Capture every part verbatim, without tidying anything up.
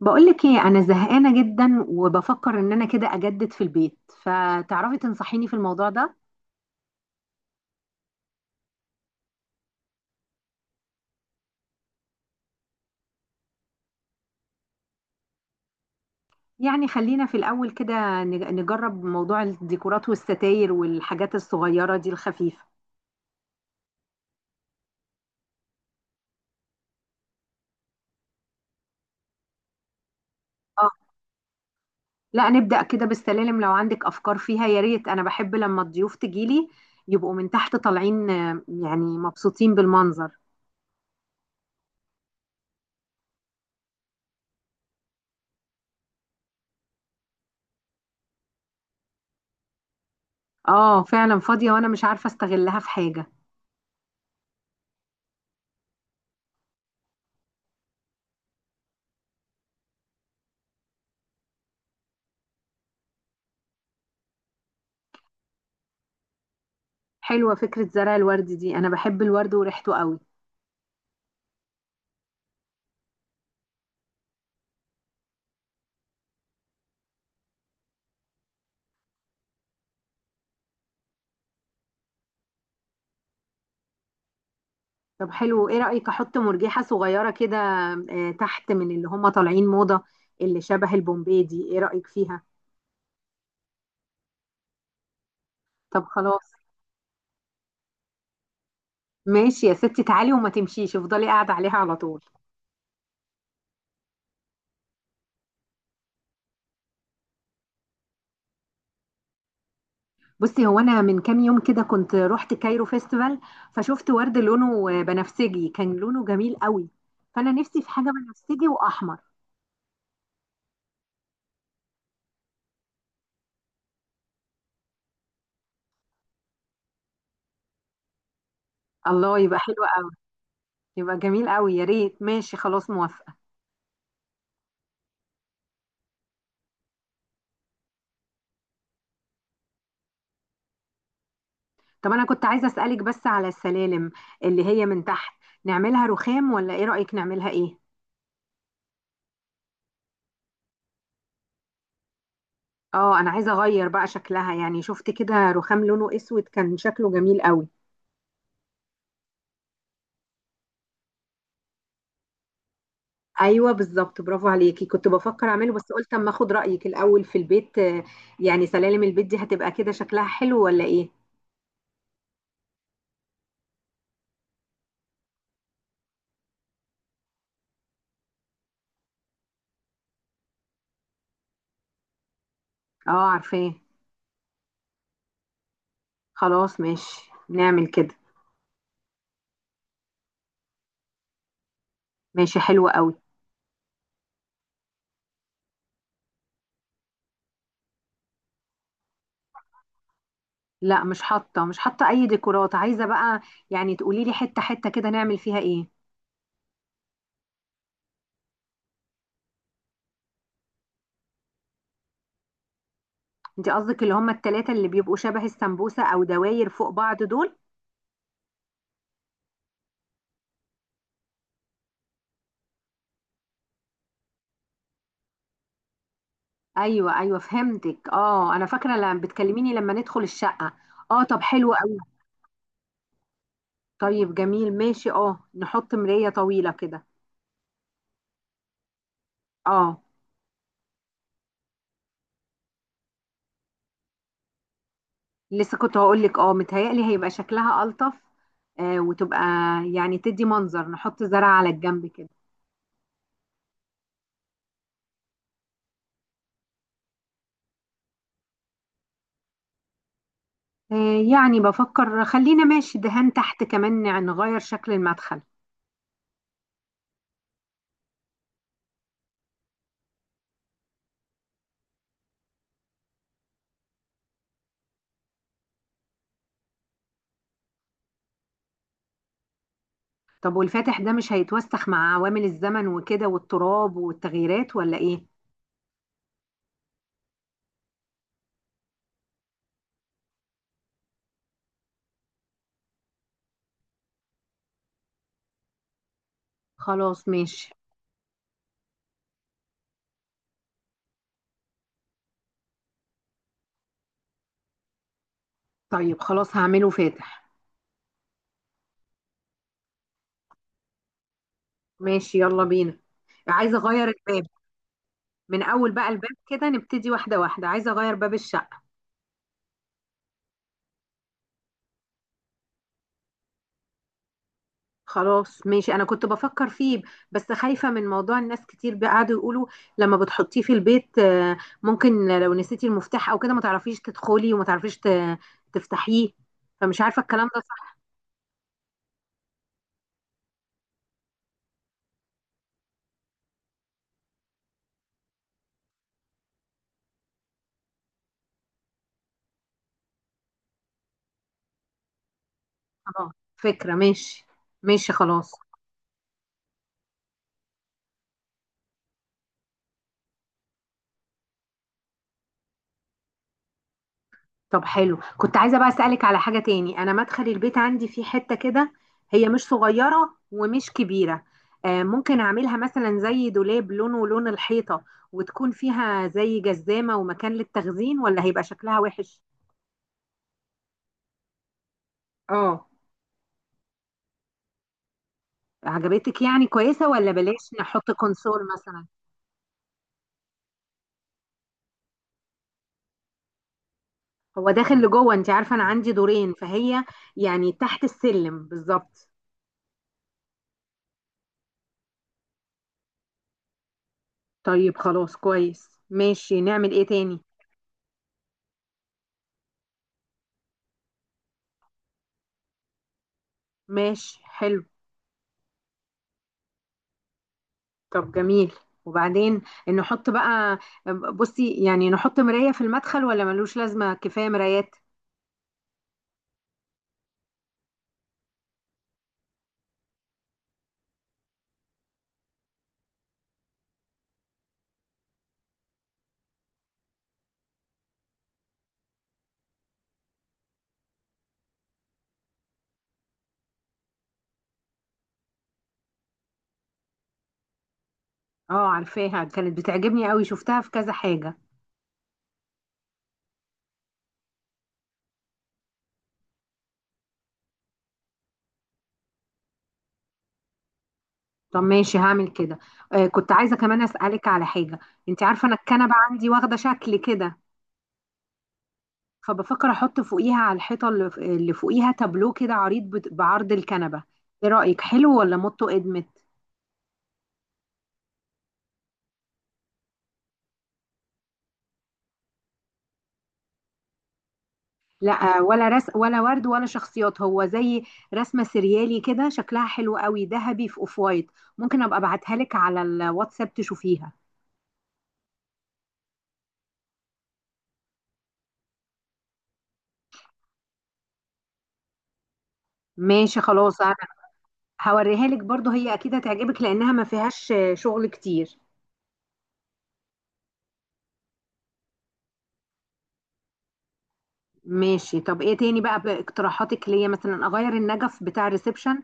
بقولك ايه؟ انا زهقانه جدا وبفكر ان انا كده اجدد في البيت، فتعرفي تنصحيني في الموضوع ده؟ يعني خلينا في الاول كده نج- نجرب موضوع الديكورات والستاير والحاجات الصغيره دي الخفيفه. اه، لا، نبدا كده بالسلالم. لو عندك افكار فيها يا ريت. انا بحب لما الضيوف تجيلي يبقوا من تحت طالعين، آه، يعني مبسوطين بالمنظر. اه فعلا فاضيه وانا مش عارفه استغلها في حاجه. حلوه فكره زرع الورد دي، انا بحب الورد وريحته قوي. طب حلو، ايه رأيك احط مرجحة صغيرة كده، آه، تحت، من اللي هم طالعين موضة، اللي شبه البومبي دي؟ ايه رأيك فيها؟ طب خلاص. ماشي يا ستي، تعالي وما تمشيش، افضلي قاعدة عليها على طول. بصي، هو انا من كام يوم كده كنت رحت كايرو فيستيفال، فشفت ورد لونه، آه، بنفسجي، كان لونه جميل قوي. فانا نفسي في حاجة بنفسجي واحمر. الله، يبقى حلو قوي. يبقى جميل قوي يا ريت. ماشي، خلاص، موافقة. طب انا كنت عايزه اسالك بس على السلالم اللي هي من تحت، نعملها رخام ولا ايه رايك نعملها ايه؟ اه، انا عايزه اغير بقى شكلها. يعني شفت كده رخام لونه اسود كان شكله جميل قوي. ايوه بالظبط، برافو عليكي، كنت بفكر اعمله بس قلت اما اخد رايك الاول في البيت، آه، يعني سلالم البيت دي هتبقى كده شكلها حلو ولا ايه؟ اه عارفاه. خلاص ماشي، نعمل كده. ماشي حلو قوي. لا مش حاطه، مش حاطه اي ديكورات. عايزه بقى يعني تقولي لي حته حته كده نعمل فيها ايه. انت قصدك اللي هم التلاتة اللي بيبقوا شبه السمبوسة او دواير فوق بعض دول؟ ايوه ايوه، فهمتك. اه انا فاكرة لما بتكلميني لما ندخل الشقة. اه طب حلو قوي. طيب جميل ماشي. اه، نحط مراية طويلة كده. اه. لسه كنت هقول لك، اه متهيألي هيبقى شكلها ألطف، آه، وتبقى يعني تدي منظر، نحط زرع على الجنب كده. آه، يعني بفكر، خلينا ماشي، دهان تحت كمان، نغير شكل المدخل. طب والفاتح ده مش هيتوسخ مع عوامل الزمن وكده والتراب والتغييرات ولا ايه؟ خلاص ماشي. طيب خلاص، هعمله فاتح. ماشي يلا بينا. عايزه اغير الباب. من اول بقى الباب كده نبتدي، واحده واحده. عايزه اغير باب الشقه. خلاص ماشي، انا كنت بفكر فيه، بس خايفه من موضوع الناس كتير بقى قعدوا يقولوا لما بتحطيه في البيت، آه، ممكن لو نسيتي المفتاح او كده ما تعرفيش تدخلي وما تعرفيش ت- تفتحيه. فمش عارفه الكلام ده صح. خلاص فكره، ماشي. ماشي خلاص. طب حلو، كنت عايزة بقى أسألك على حاجة تاني. أنا مدخل البيت عندي في حتة كده، هي مش صغيرة ومش كبيرة، آه، ممكن أعملها مثلا زي دولاب لونه لون الحيطة، وتكون فيها زي جزامة ومكان للتخزين، ولا هيبقى شكلها وحش؟ اه. عجبتك يعني، كويسة، ولا بلاش نحط كونسول مثلا؟ هو داخل لجوه. انت عارفة أنا عندي دورين، فهي يعني تحت السلم بالظبط. طيب خلاص كويس. ماشي نعمل ايه تاني؟ ماشي حلو. طب جميل، وبعدين نحط بقى، بصي يعني نحط مراية في المدخل ولا ملوش لازمة، كفاية مرايات؟ اه عارفاها، كانت بتعجبني قوي، شفتها في كذا حاجة. طب ماشي، هعمل كده. آه كنت عايزة كمان أسألك على حاجة. انت عارفة انا الكنبة عندي واخدة شكل كده، فبفكر احط فوقيها على الحيطة اللي اللي فوقيها تابلو كده عريض بت- بعرض الكنبة. ايه رأيك، حلو ولا موتو ادمت؟ لا، ولا رس، ولا ورد، ولا شخصيات. هو زي رسمة سريالي كده، شكلها حلو قوي، ذهبي في اوف وايت. ممكن ابقى ابعتها لك على الواتساب تشوفيها. ماشي خلاص. انا هوريها لك برضو، هي اكيد هتعجبك لانها ما فيهاش شغل كتير. ماشي. طب ايه تاني بقى باقتراحاتك ليا؟ مثلا اغير النجف بتاع الريسبشن؟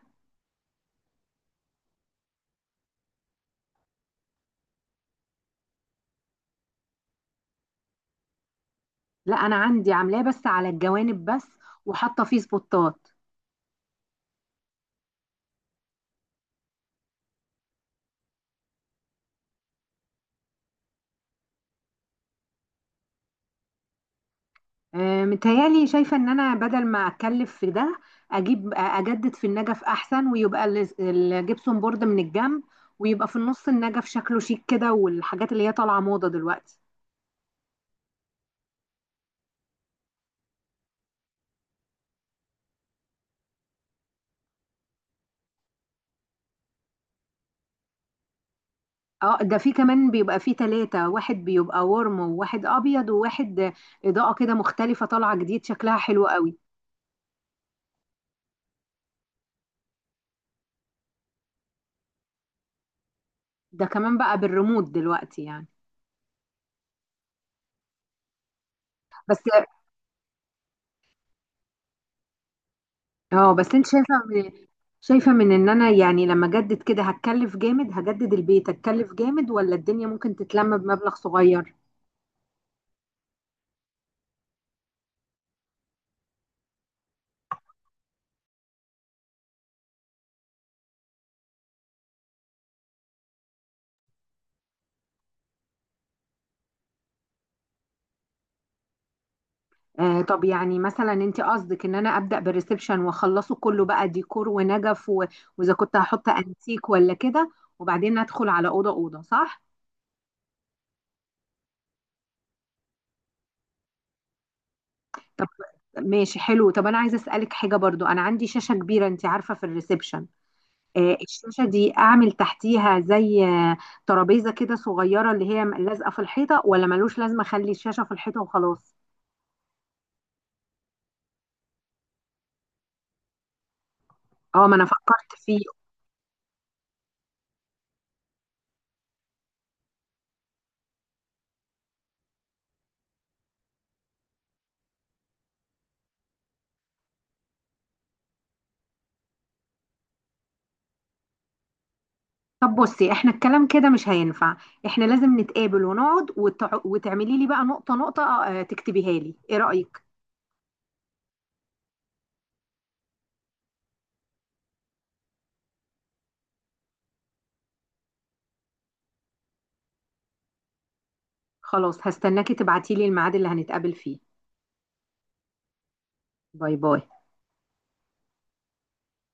لا انا عندي عاملاه بس على الجوانب بس، وحاطه فيه سبوتات. آه، متهيألي شايفة إن أنا بدل ما أتكلف في ده، أجيب أجدد في النجف أحسن، ويبقى ال- الجبسون بورد من الجنب، ويبقى في النص النجف شكله شيك كده، والحاجات اللي هي طالعة موضة دلوقتي. اه، ده في كمان بيبقى فيه تلاتة، واحد بيبقى ورم وواحد أبيض وواحد إضاءة كده مختلفة، طالعة جديد شكلها حلو قوي. ده كمان بقى بالريموت دلوقتي يعني. بس. اه، بس انت شايفه من، شايفه من ان انا يعني لما اجدد كده هتكلف جامد، هجدد البيت هتكلف جامد، ولا الدنيا ممكن تتلم بمبلغ صغير؟ آه طب، يعني مثلا انت قصدك ان انا ابدا بالريسبشن واخلصه كله بقى، ديكور ونجف و- واذا كنت هحط انتيك ولا كده، وبعدين ادخل على اوضه اوضه، صح؟ طب ماشي حلو. طب انا عايزه اسالك حاجه برضو، انا عندي شاشه كبيره انت عارفه في الريسبشن، آه، الشاشة دي أعمل تحتيها زي، آه، ترابيزة كده صغيرة اللي هي لازقة في الحيطة، ولا ملوش لازمة أخلي الشاشة في الحيطة وخلاص؟ اه ما أنا فكرت فيه. طب بصي، احنا الكلام كده مش هينفع، احنا لازم نتقابل ونقعد، وتع... وتعملي لي بقى نقطة نقطة، آه، تكتبيها لي، ايه رأيك؟ خلاص، هستناكي تبعتي لي الميعاد اللي هنتقابل فيه. باي باي.